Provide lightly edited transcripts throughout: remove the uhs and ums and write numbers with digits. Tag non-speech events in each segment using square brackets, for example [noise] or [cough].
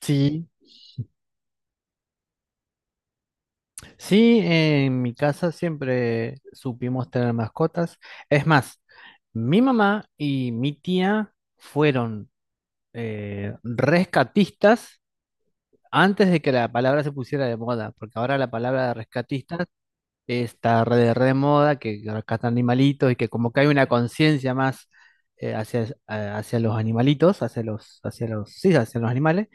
Sí, sí, en mi casa siempre supimos tener mascotas. Es más, mi mamá y mi tía fueron rescatistas antes de que la palabra se pusiera de moda, porque ahora la palabra de rescatistas está re de moda, que rescatan animalitos y que como que hay una conciencia más hacia los animalitos, sí, hacia los animales.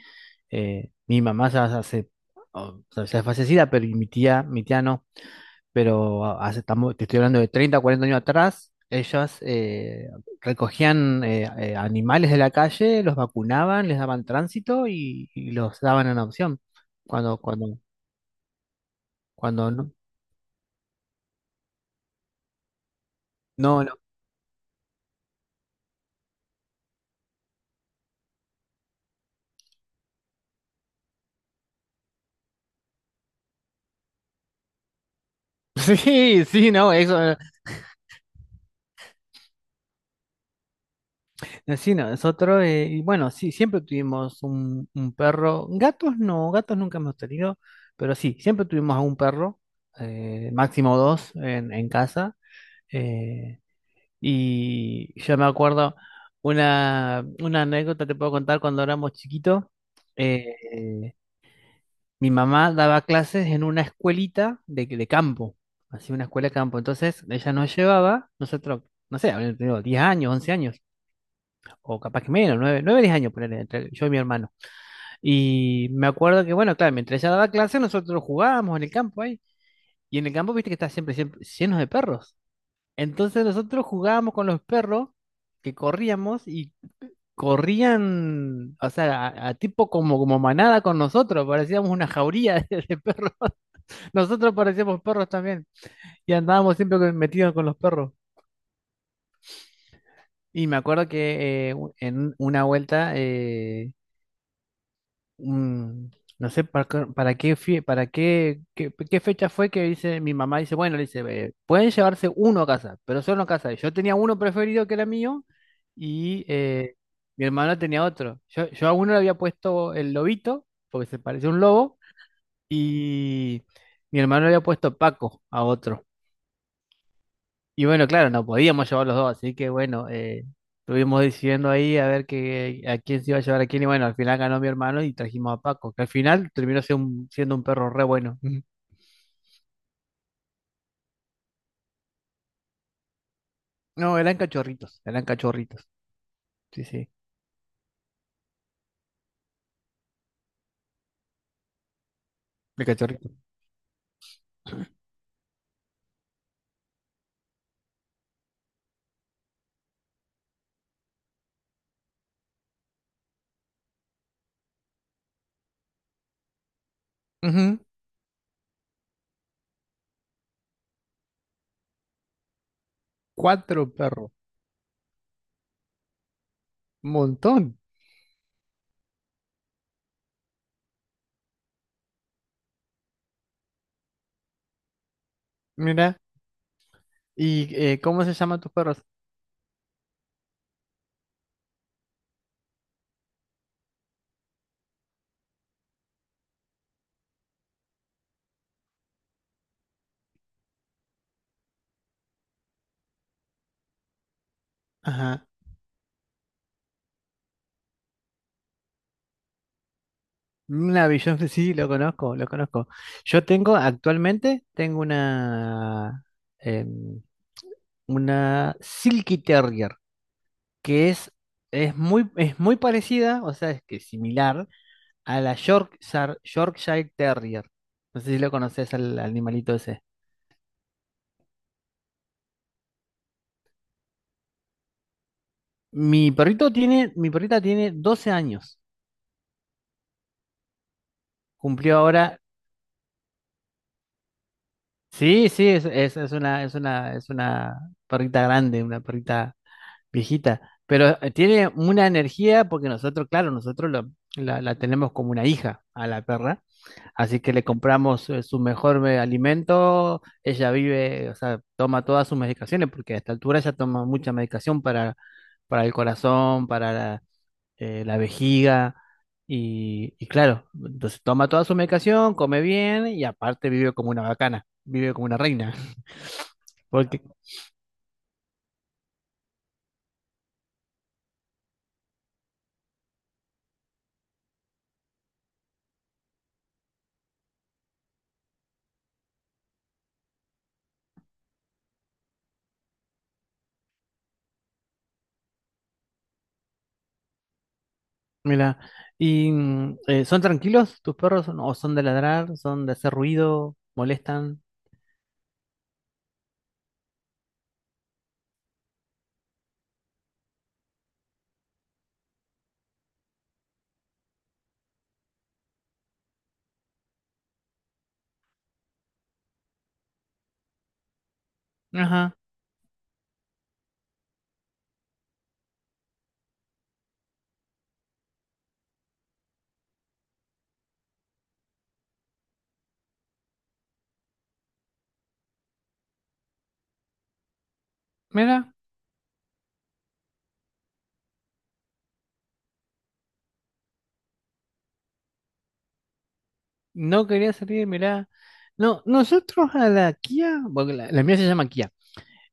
Mi mamá ya hace, o sea, ya es fallecida, pero mi tía no. Pero te estoy hablando de 30, 40 años atrás. Ellas recogían animales de la calle, los vacunaban, les daban tránsito y los daban en adopción. Cuando, cuando, cuando no, no, no. [laughs] Sí, sí, no, eso, sí, no, nosotros, y bueno, sí, siempre tuvimos un perro. Gatos no, gatos nunca hemos tenido, pero sí, siempre tuvimos a un perro, máximo dos en casa. eh, Y yo me acuerdo una anécdota te puedo contar cuando éramos chiquitos. eh, Mi mamá daba clases en una escuelita de campo, así una escuela de campo. Entonces ella nos llevaba, nosotros, no sé, habíamos tenido 10 años, 11 años, o capaz que menos, 9 9 10 años, ponele, entre yo y mi hermano. Y me acuerdo que, bueno, claro, mientras ella daba clases, nosotros jugábamos en el campo ahí. Y en el campo, viste que está siempre, siempre lleno de perros. Entonces nosotros jugábamos con los perros, que corríamos y corrían, o sea, a tipo como manada con nosotros, parecíamos una jauría de perros. [laughs] Nosotros parecíamos perros también y andábamos siempre metidos con los perros. Y me acuerdo que en una vuelta, mm, no sé para qué, fie- para qué, qué, qué fecha fue, que dice mi mamá, dice, bueno, le dice: pueden llevarse uno a casa, pero solo a casa". Y yo tenía uno preferido que era mío, y mi hermano tenía otro. Yo a uno le había puesto el Lobito, porque se parece a un lobo, y mi hermano le había puesto Paco a otro. Y bueno, claro, no podíamos llevar los dos, así que bueno, estuvimos decidiendo ahí a ver que, a quién se iba a llevar a quién. Y bueno, al final ganó mi hermano y trajimos a Paco, que al final terminó siendo un perro re bueno. Ujú. No, eran cachorritos, eran cachorritos. Sí, sí, de cachorritos. Ujú, cuatro perros, un montón. Mira, ¿y cómo se llaman tus perros? Ajá. Una Bichon, [laughs] sí, lo conozco, lo conozco. Yo tengo, actualmente, tengo em, una Silky Terrier, que es muy parecida, o sea, es que similar a la Yorkshire Terrier. No sé si lo conoces al animalito ese. Mi perrita tiene 12 años. Cumplió ahora. Sí, sí, es una perrita grande, una perrita viejita. Pero tiene una energía, porque nosotros, claro, nosotros la tenemos como una hija a la perra. Así que le compramos su mejor alimento, ella vive, o sea, toma todas sus medicaciones, porque a esta altura ella toma mucha medicación para el corazón, para la vejiga, y claro, entonces toma toda su medicación, come bien, y aparte vive como una bacana, vive como una reina. [laughs] Porque, mira, y ¿son tranquilos tus perros o no? ¿O son de ladrar? ¿Son de hacer ruido? ¿Molestan? Ajá, mira. No quería salir, mirá. No, nosotros a la Kia, porque la mía se llama Kia,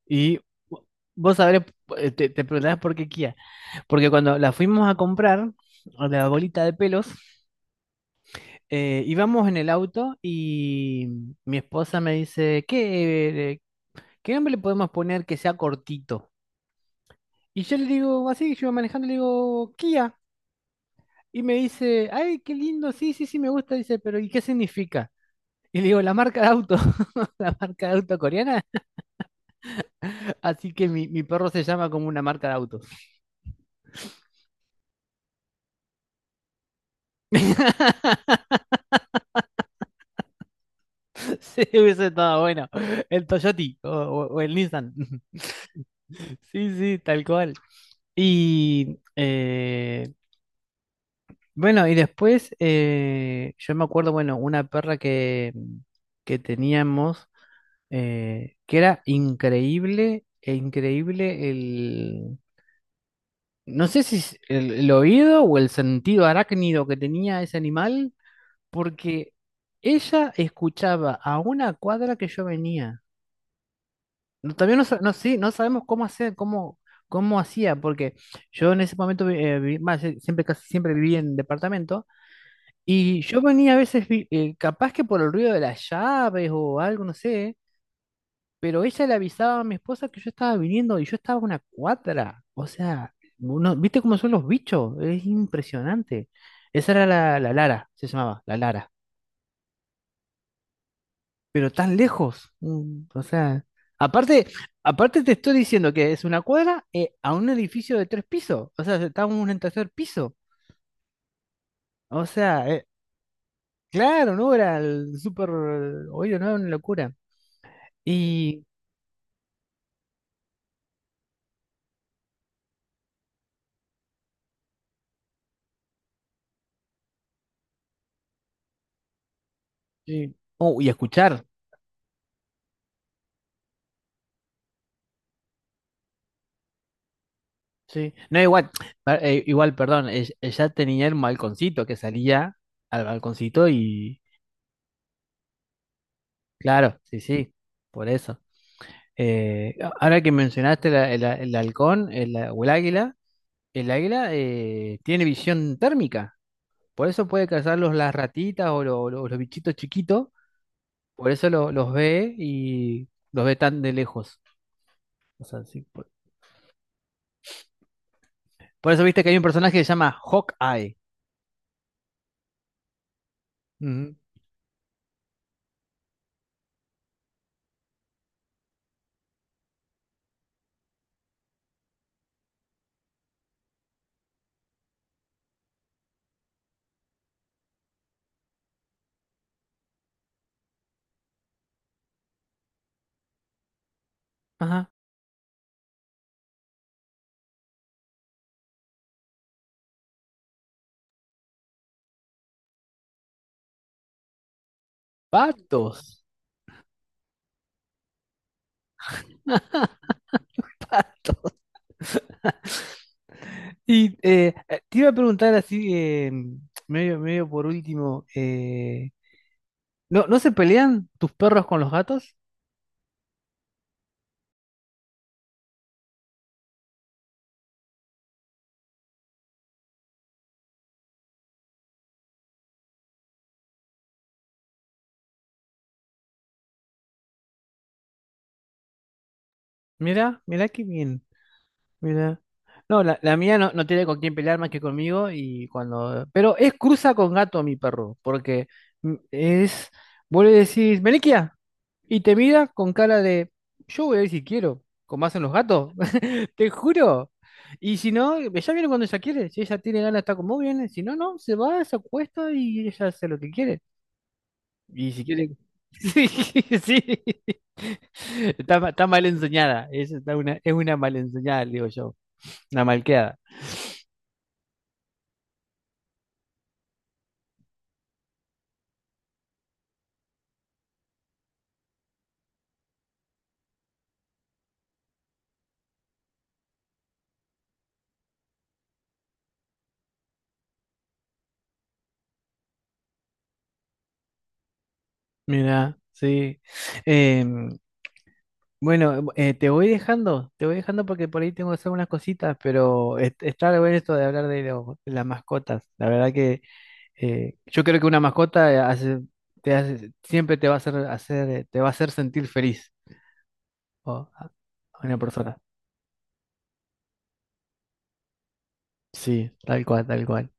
y vo- vos sabrás, te preguntarás por qué Kia. Porque cuando la fuimos a comprar, a la bolita de pelos, íbamos en el auto y mi esposa me dice: ¿qué nombre le podemos poner que sea cortito? Y yo le digo, así, yo manejando, le digo: Kia. Y me dice: ay, qué lindo, sí, sí, sí, me gusta, dice, pero ¿y qué significa? Y le digo: la marca de auto, [laughs] la marca de auto coreana. Así que mi perro se llama como una marca de auto. [laughs] Sí, hubiese estado bueno. El Toyoti o el Nissan. [laughs] Sí, sí, tal cual. Y bueno, y después yo me acuerdo, bueno, una perra que teníamos, que era increíble, e increíble no sé si es el oído o el sentido arácnido que tenía ese animal, porque ella escuchaba a una cuadra que yo venía. No, todavía no, no, sí, no sabemos cómo hacer, cómo hacía, porque yo en ese momento más, siempre, casi siempre viví en departamento, y yo venía a veces, capaz que por el ruido de las llaves o algo, no sé. Pero ella le avisaba a mi esposa que yo estaba viniendo y yo estaba a una cuadra. O sea, ¿viste cómo son los bichos? Es impresionante. Esa era la Lara, se llamaba, la Lara. Pero tan lejos. O sea, aparte, aparte te estoy diciendo que es una cuadra, a un edificio de 3 pisos. O sea, estábamos en el tercer piso. O sea, claro, no era el súper. Oye, no era una locura. Y, oh, y a escuchar. Sí, no, igual, perdón, ella tenía el balconcito, que salía al balconcito y, claro, sí, sí, por eso. Ahora que mencionaste el halcón, o el águila tiene visión térmica, por eso puede cazar las ratitas, o los bichitos chiquitos, por eso los ve, y los ve tan de lejos. O sea, sí, por eso viste que hay un personaje que se llama Hawkeye. Ujú. Ajá. Patos. [laughs] Y te iba a preguntar así, medio, medio por último, ¿no se pelean tus perros con los gatos? Mira, mira qué bien. Mira. No, la mía no tiene con quién pelear más que conmigo, y cuando. Pero es cruza con gato mi perro, porque es. Vos le decís, Meliquia, y te mira con cara de, yo voy a ver si quiero, como hacen los gatos, [laughs] te juro. Y si no, ella viene cuando ella quiere, si ella tiene ganas de estar con vos, viene, si no, no, se va, se acuesta y ella hace lo que quiere. Y si quiere. [laughs] Sí, sí. Está mal enseñada, es una mal enseñada, digo yo, una malcriada. Mira, sí. Em, bueno, te voy dejando porque por ahí tengo que hacer unas cositas, pero está bueno esto de hablar de las mascotas. La verdad que yo creo que una mascota siempre te va a hacer sentir feliz, o a una persona. Sí, tal cual, tal cual.